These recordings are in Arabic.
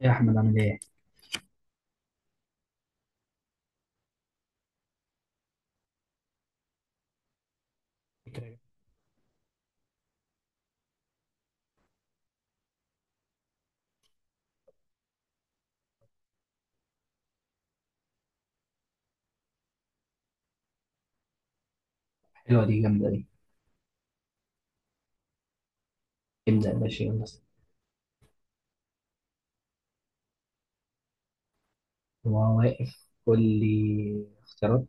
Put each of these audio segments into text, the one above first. يا احمد، عامل ايه؟ فكرة. حلوه دي، جامده دي. ابدا يا باشا، يلا. وانا واقف، قول لي اختيارات.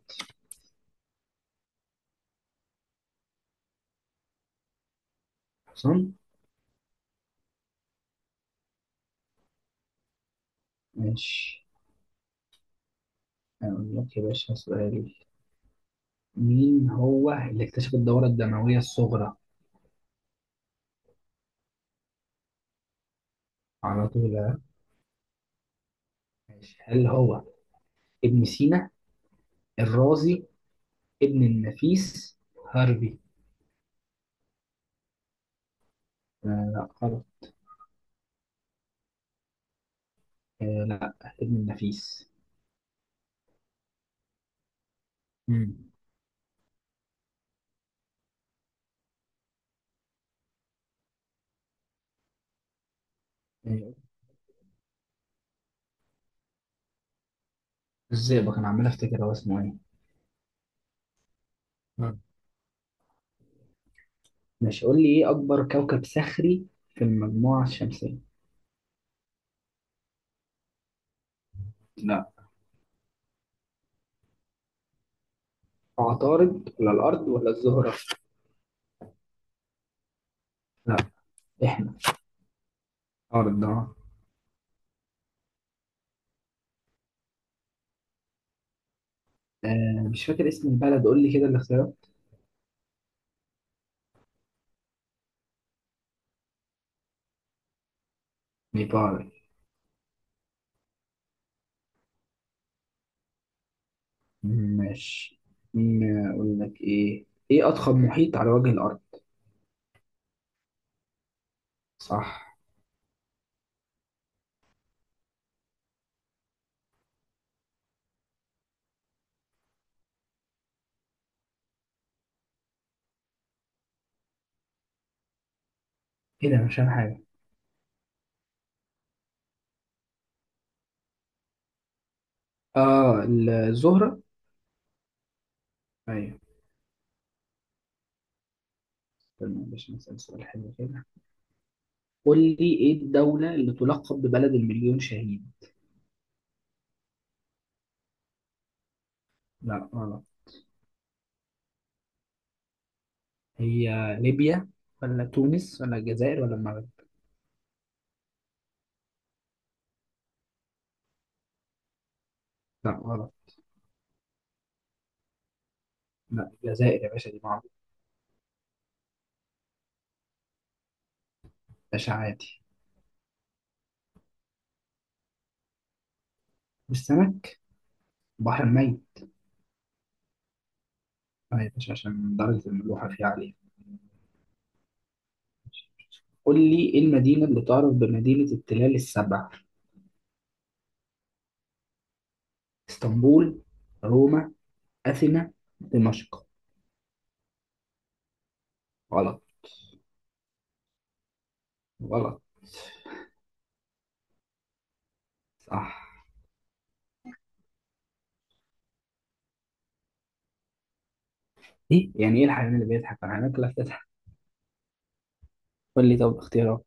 حسام. ماشي. اقول لك يا باشا سؤال. مين هو اللي اكتشف الدوره الدمويه الصغرى؟ على طول، ها؟ ماشي، هل هو ابن سينا، الرازي، ابن النفيس، هارفي؟ آه. لا غلط. آه، لا. ابن النفيس. امم. آه، الزئبق، انا عمال افتكر هو اسمه ايه. مم. ماشي، قول لي ايه اكبر كوكب صخري في المجموعه الشمسيه؟ لا. عطارد ولا الأرض ولا الزهرة؟ لا. إحنا. عطارد ده. آه، مش فاكر اسم البلد، قول لي كده الاختيارات. نيبال. ماشي. أقول لك إيه، إيه أضخم محيط على وجه الأرض؟ صح. إيه ده؟ مش فاهم حاجة. آه، الزهرة. أيوه. استنى باش نسأل سؤال حلو كده. قول لي إيه الدولة اللي تلقب ببلد المليون شهيد؟ لا غلط. هي ليبيا ولا تونس ولا الجزائر ولا المغرب؟ لا غلط. لا، الجزائر يا باشا، دي معروفة. باشا عادي. والسمك، بحر ميت. آه يا باشا، عشان درجة الملوحة فيها عالية. قول لي إيه المدينة اللي تعرف بمدينة التلال السبع؟ اسطنبول، روما، أثينا، دمشق. غلط. غلط. صح. إيه يعني إيه الحيوان اللي بيضحك؟ الحيوانات كلها بتضحك. قول لي طب اختيارات.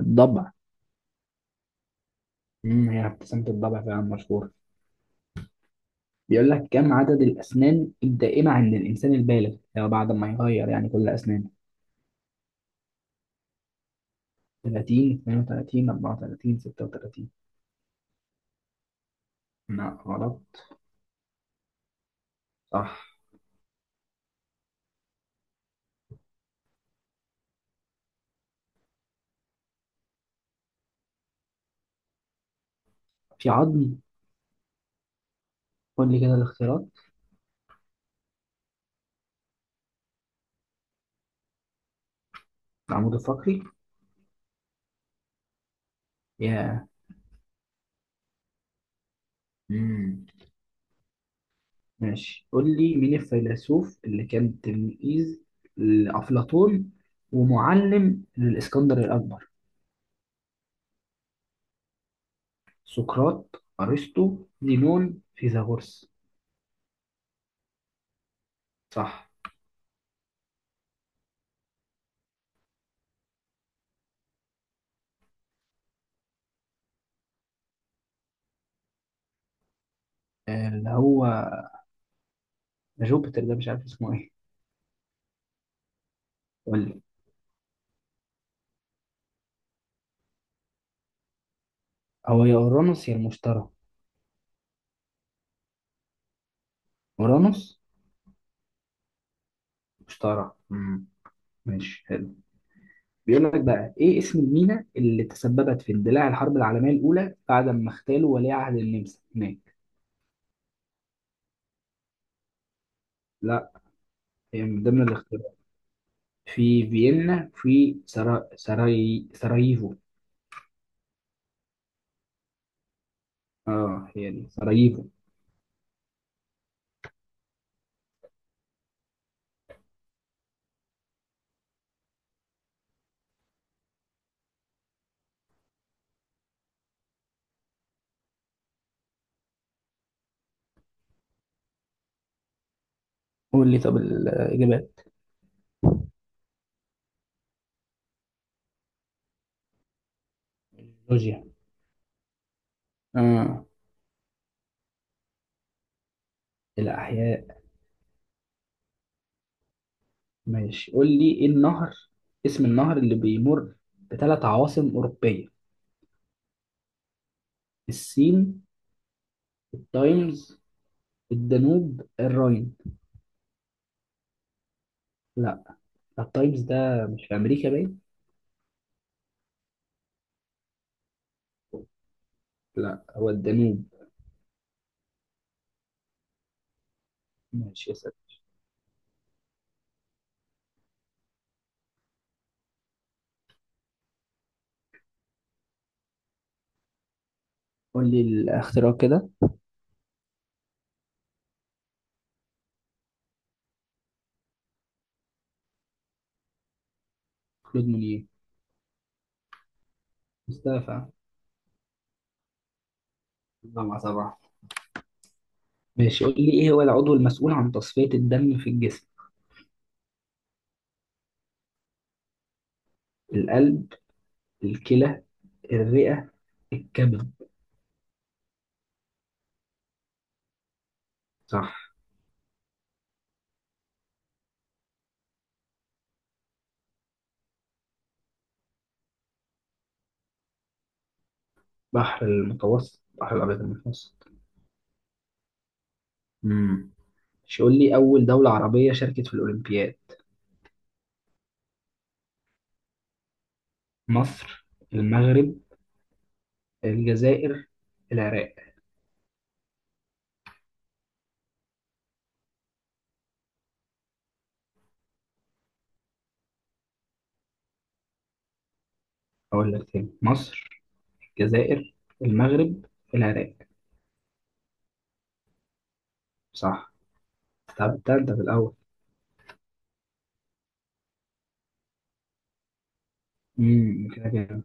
الضبع. امم، هي ابتسامة الضبع فعلا مشهورة. بيقول لك كم عدد الأسنان الدائمة عند الإنسان البالغ، يعني بعد ما يغير يعني كل أسنانه؟ 30، 32، 34، 36. لا غلط. صح. في عظم. قول لي كده الاختيارات. العمود الفقري. يا. امم. ماشي، قول لي مين الفيلسوف اللي كان تلميذ لأفلاطون ومعلم للإسكندر الأكبر؟ سقراط، أرسطو، زينون، فيثاغورس. صح. اللي هو جوبيتر، ده مش عارف اسمه ايه. قول لي. هو يا أورانوس يا المشتري. أورانوس. مشتري. امم. ماشي، حلو. بيقول لك بقى ايه اسم المينا اللي تسببت في اندلاع الحرب العالمية الأولى بعد ما اغتالوا ولي عهد النمسا هناك؟ هي من ضمن الاختيارات. في فيينا، في سراييفو. اه، هي دي سراييفو. قول لي طب الإجابات. جورجيا. اه. الأحياء. ماشي، قول لي ايه النهر، اسم النهر اللي بيمر بثلاث عواصم أوروبية؟ السين، التايمز، الدانوب، الراين. لا. التايمز ده مش في أمريكا باين؟ لا، هو الدانوب. ماشي يا سيدي. قول لي الاختراع كده. كلود مونيه. مستعفى. الله، مع صباح. ماشي، قول لي ايه هو العضو المسؤول عن تصفية الدم في الجسم؟ القلب، الكلى، الرئة، الكبد. صح. بحر المتوسط، بحر الأبيض المتوسط. امم. ماشي، قول لي أول دولة عربية شاركت في الأولمبياد؟ مصر، المغرب، الجزائر، العراق. أقول لك تاني: مصر، الجزائر، المغرب، العراق. صح. طب ده أنت في الأول. امم، كده كده.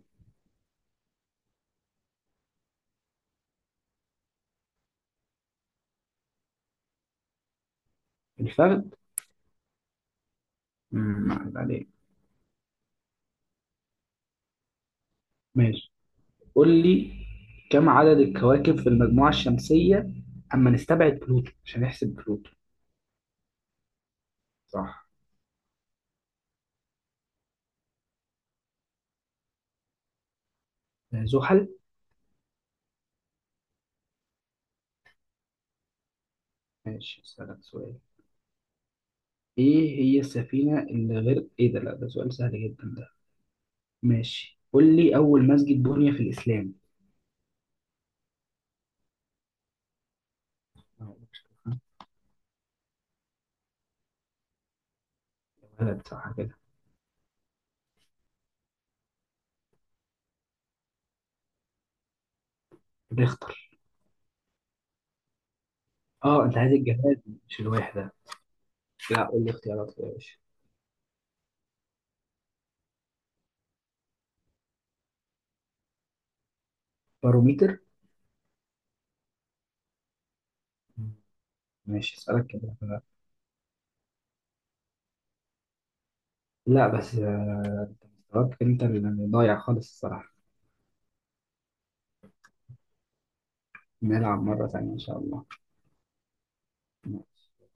الفخذ. امم، عليك. ماشي، قول لي كم عدد الكواكب في المجموعة الشمسية؟ أما نستبعد بلوتو، عشان نحسب بلوتو. صح. آه، زحل. ماشي، أسألك سؤال. إيه هي السفينة اللي غير إيه ده؟ لا، ده سؤال سهل جدا ده. ماشي، قول لي أول مسجد بني في الإسلام؟ آه. ولد، صح كده. بيختار. اه، انت عايز الجماد. مش الوحدة. لا، قول لي اختيارات يا باشا. باروميتر. ماشي، اسألك كده. لا بس مستواك انت اللي ضايع خالص، الصراحة. نلعب مرة تانية ان شاء الله. ماشي.